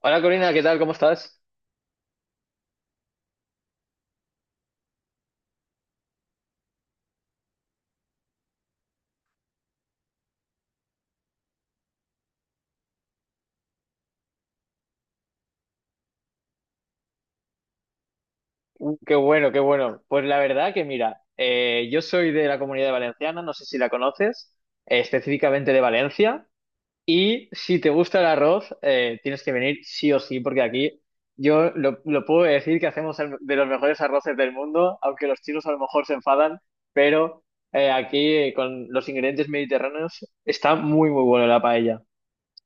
Hola Corina, ¿qué tal? ¿Cómo estás? Qué bueno, qué bueno. Pues la verdad que mira, yo soy de la Comunidad Valenciana, no sé si la conoces, específicamente de Valencia, y si te gusta el arroz, tienes que venir sí o sí, porque aquí yo lo puedo decir que hacemos el- de los mejores arroces del mundo, aunque los chinos a lo mejor se enfadan, pero aquí con los ingredientes mediterráneos está muy, muy bueno la paella.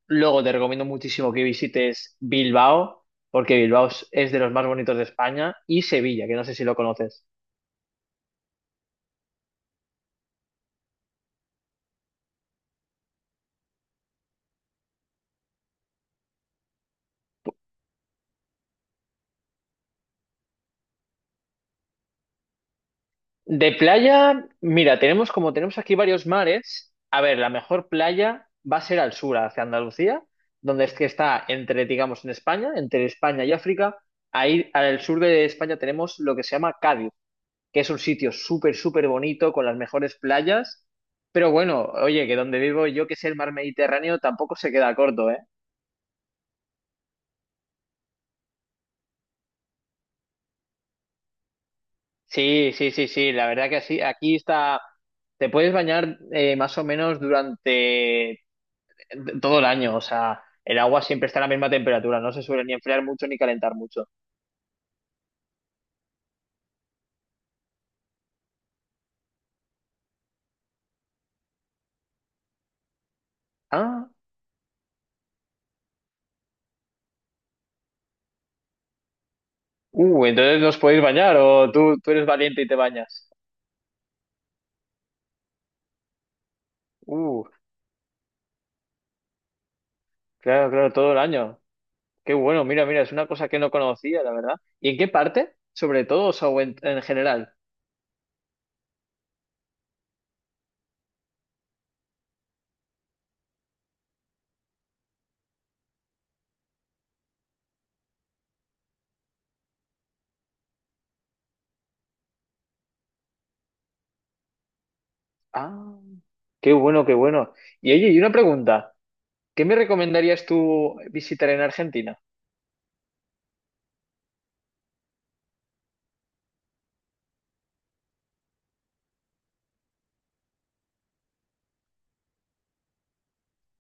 Luego te recomiendo muchísimo que visites Bilbao, porque Bilbao es de los más bonitos de España, y Sevilla, que no sé si lo conoces. De playa, mira, tenemos como tenemos aquí varios mares, a ver, la mejor playa va a ser al sur, hacia Andalucía, donde es que está entre, digamos, en España, entre España y África. Ahí al sur de España tenemos lo que se llama Cádiz, que es un sitio súper, súper bonito, con las mejores playas. Pero bueno, oye, que donde vivo yo, que es el mar Mediterráneo, tampoco se queda corto, ¿eh? Sí, sí, sí, sí, la verdad que así, aquí está, te puedes bañar más o menos durante todo el año, o sea, el agua siempre está a la misma temperatura, no se suele ni enfriar mucho ni calentar mucho. Ah, entonces nos podéis bañar o tú eres valiente y te bañas. Uh, claro, claro, todo el año. Qué bueno, mira, mira, es una cosa que no conocía, la verdad. ¿Y en qué parte? Sobre todo, o sea, o en general. Ah, qué bueno, qué bueno. Y oye, y una pregunta, ¿qué me recomendarías tú visitar en Argentina?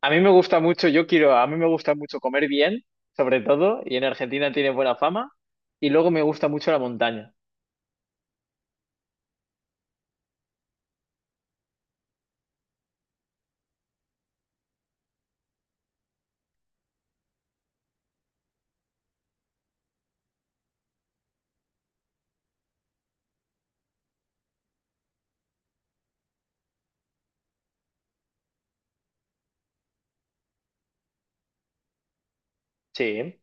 A mí me gusta mucho, yo quiero, a mí me gusta mucho comer bien, sobre todo, y en Argentina tiene buena fama, y luego me gusta mucho la montaña. Sí,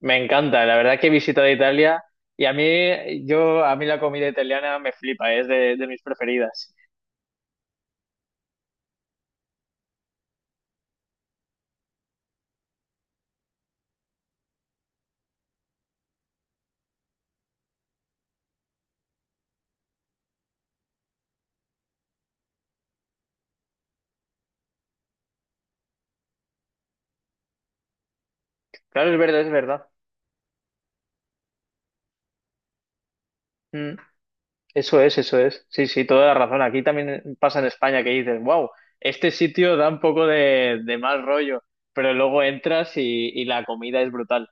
me encanta, la verdad que he visitado Italia y a mí, yo, a mí la comida italiana me flipa, es de mis preferidas. Claro, es verdad, es verdad. Mm, eso es, eso es. Sí, sí, toda la razón. Aquí también pasa en España que dices, wow, este sitio da un poco de mal rollo, pero luego entras y la comida es brutal.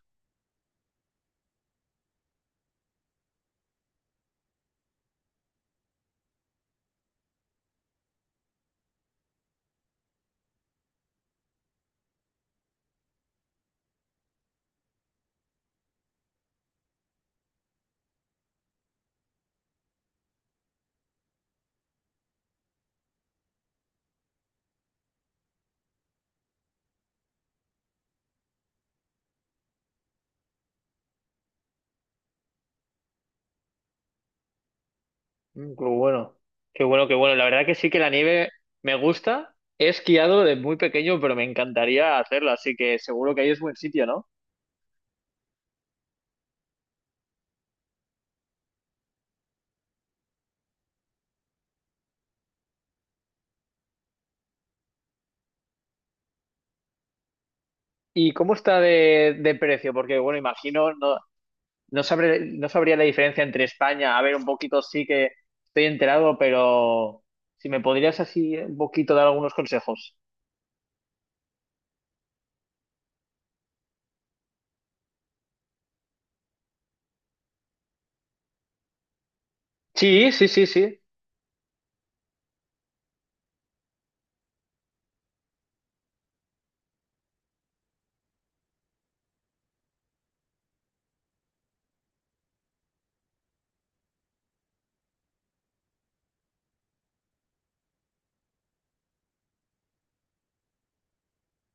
Mm, qué bueno, qué bueno, qué bueno. La verdad que sí que la nieve me gusta. He esquiado de muy pequeño, pero me encantaría hacerlo, así que seguro que ahí es buen sitio, ¿no? ¿Y cómo está de precio? Porque, bueno, imagino, no, no sabré- no sabría la diferencia entre España. A ver, un poquito sí que estoy enterado, pero si me podrías así un poquito dar algunos consejos. Sí, sí, sí, sí.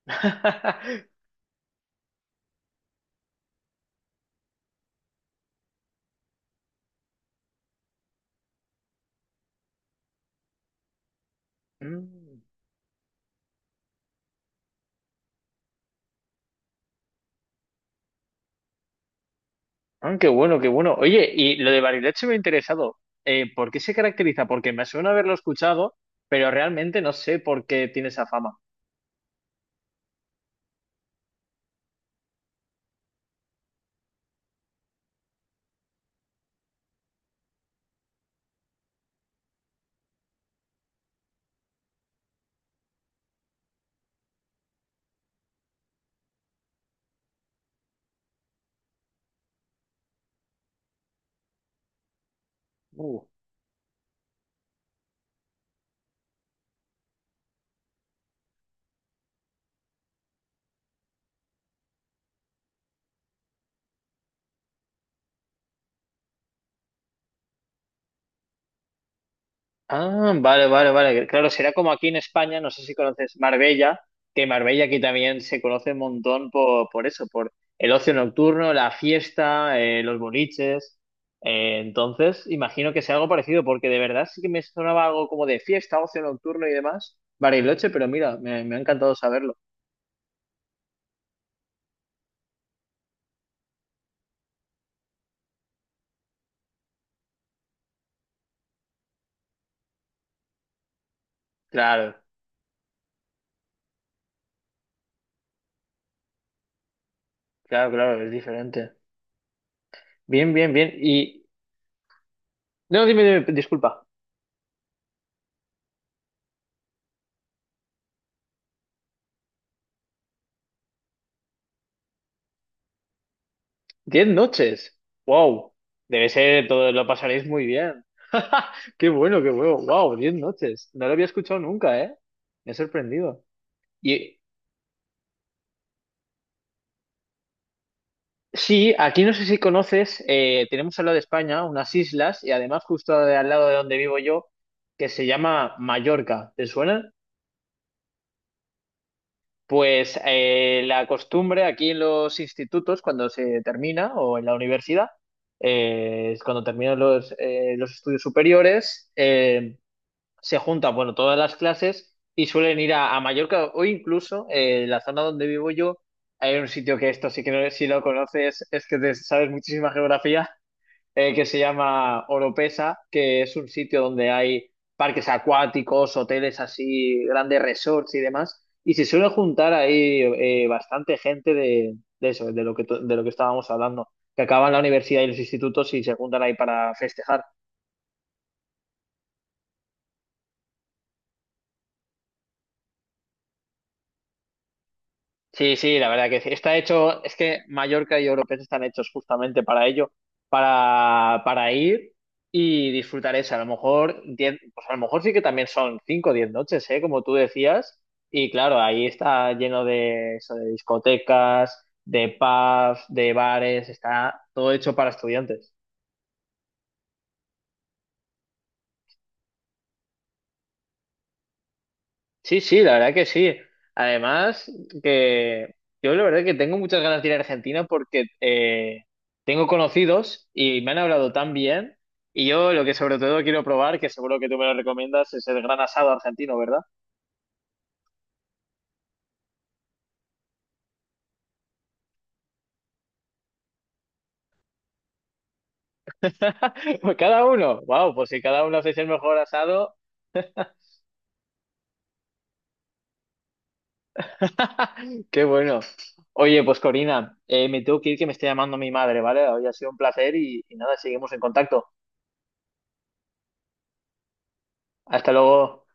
Mm. Ah, qué bueno, qué bueno. Oye, y lo de Bariloche me ha interesado. ¿Por qué se caracteriza? Porque me suena haberlo escuchado, pero realmente no sé por qué tiene esa fama. Uh, Ah, vale, vale, vale. Claro, será como aquí en España, no sé si conoces Marbella, que Marbella aquí también se conoce un montón por eso, por el ocio nocturno, la fiesta, los boliches. Entonces, imagino que sea algo parecido, porque de verdad sí que me sonaba algo como de fiesta, ocio nocturno y demás, Bariloche, pero mira, me ha encantado saberlo. Claro. Claro, claro, es diferente. Bien, bien, bien. Y. No, dime, dime, disculpa. Diez noches. Wow. Debe ser, todo lo pasaréis muy bien. Qué bueno, qué bueno. Wow, diez noches. No lo había escuchado nunca, ¿eh? Me ha sorprendido. Y sí, aquí no sé si conoces, tenemos al lado de España unas islas y además justo de- al lado de donde vivo yo, que se llama Mallorca. ¿Te suena? Pues la costumbre aquí en los institutos, cuando se termina, o en la universidad, es cuando terminan los estudios superiores, se juntan, bueno, todas las clases y suelen ir a Mallorca o incluso en la zona donde vivo yo, hay un sitio que esto sí que no, si lo conoces es que te sabes muchísima geografía, que se llama Oropesa, que es un sitio donde hay parques acuáticos, hoteles así, grandes resorts y demás. Y se suele juntar ahí bastante gente de eso, de lo que, to- de lo que estábamos hablando, que acaban la universidad y los institutos y se juntan ahí para festejar. Sí, sí, la verdad que sí. Está hecho, es que Mallorca y Europees están hechos justamente para ello, para ir y disfrutar eso. A lo mejor, 10 pues a lo mejor sí que también son 5 o 10 noches, ¿eh? Como tú decías. Y claro, ahí está lleno de eso, de discotecas, de pubs, de bares, está todo hecho para estudiantes. Sí, sí, la verdad que sí. Además, que yo la verdad que tengo muchas ganas de ir a Argentina porque tengo conocidos y me han hablado tan bien. Y yo lo que sobre todo quiero probar, que seguro que tú me lo recomiendas, es el gran asado argentino, ¿verdad? Pues cada uno. Wow, pues si cada uno hacéis el mejor asado, qué bueno. Oye, pues Corina, me tengo que ir que me está llamando mi madre, ¿vale? Hoy ha sido un placer y nada, seguimos en contacto. Hasta luego.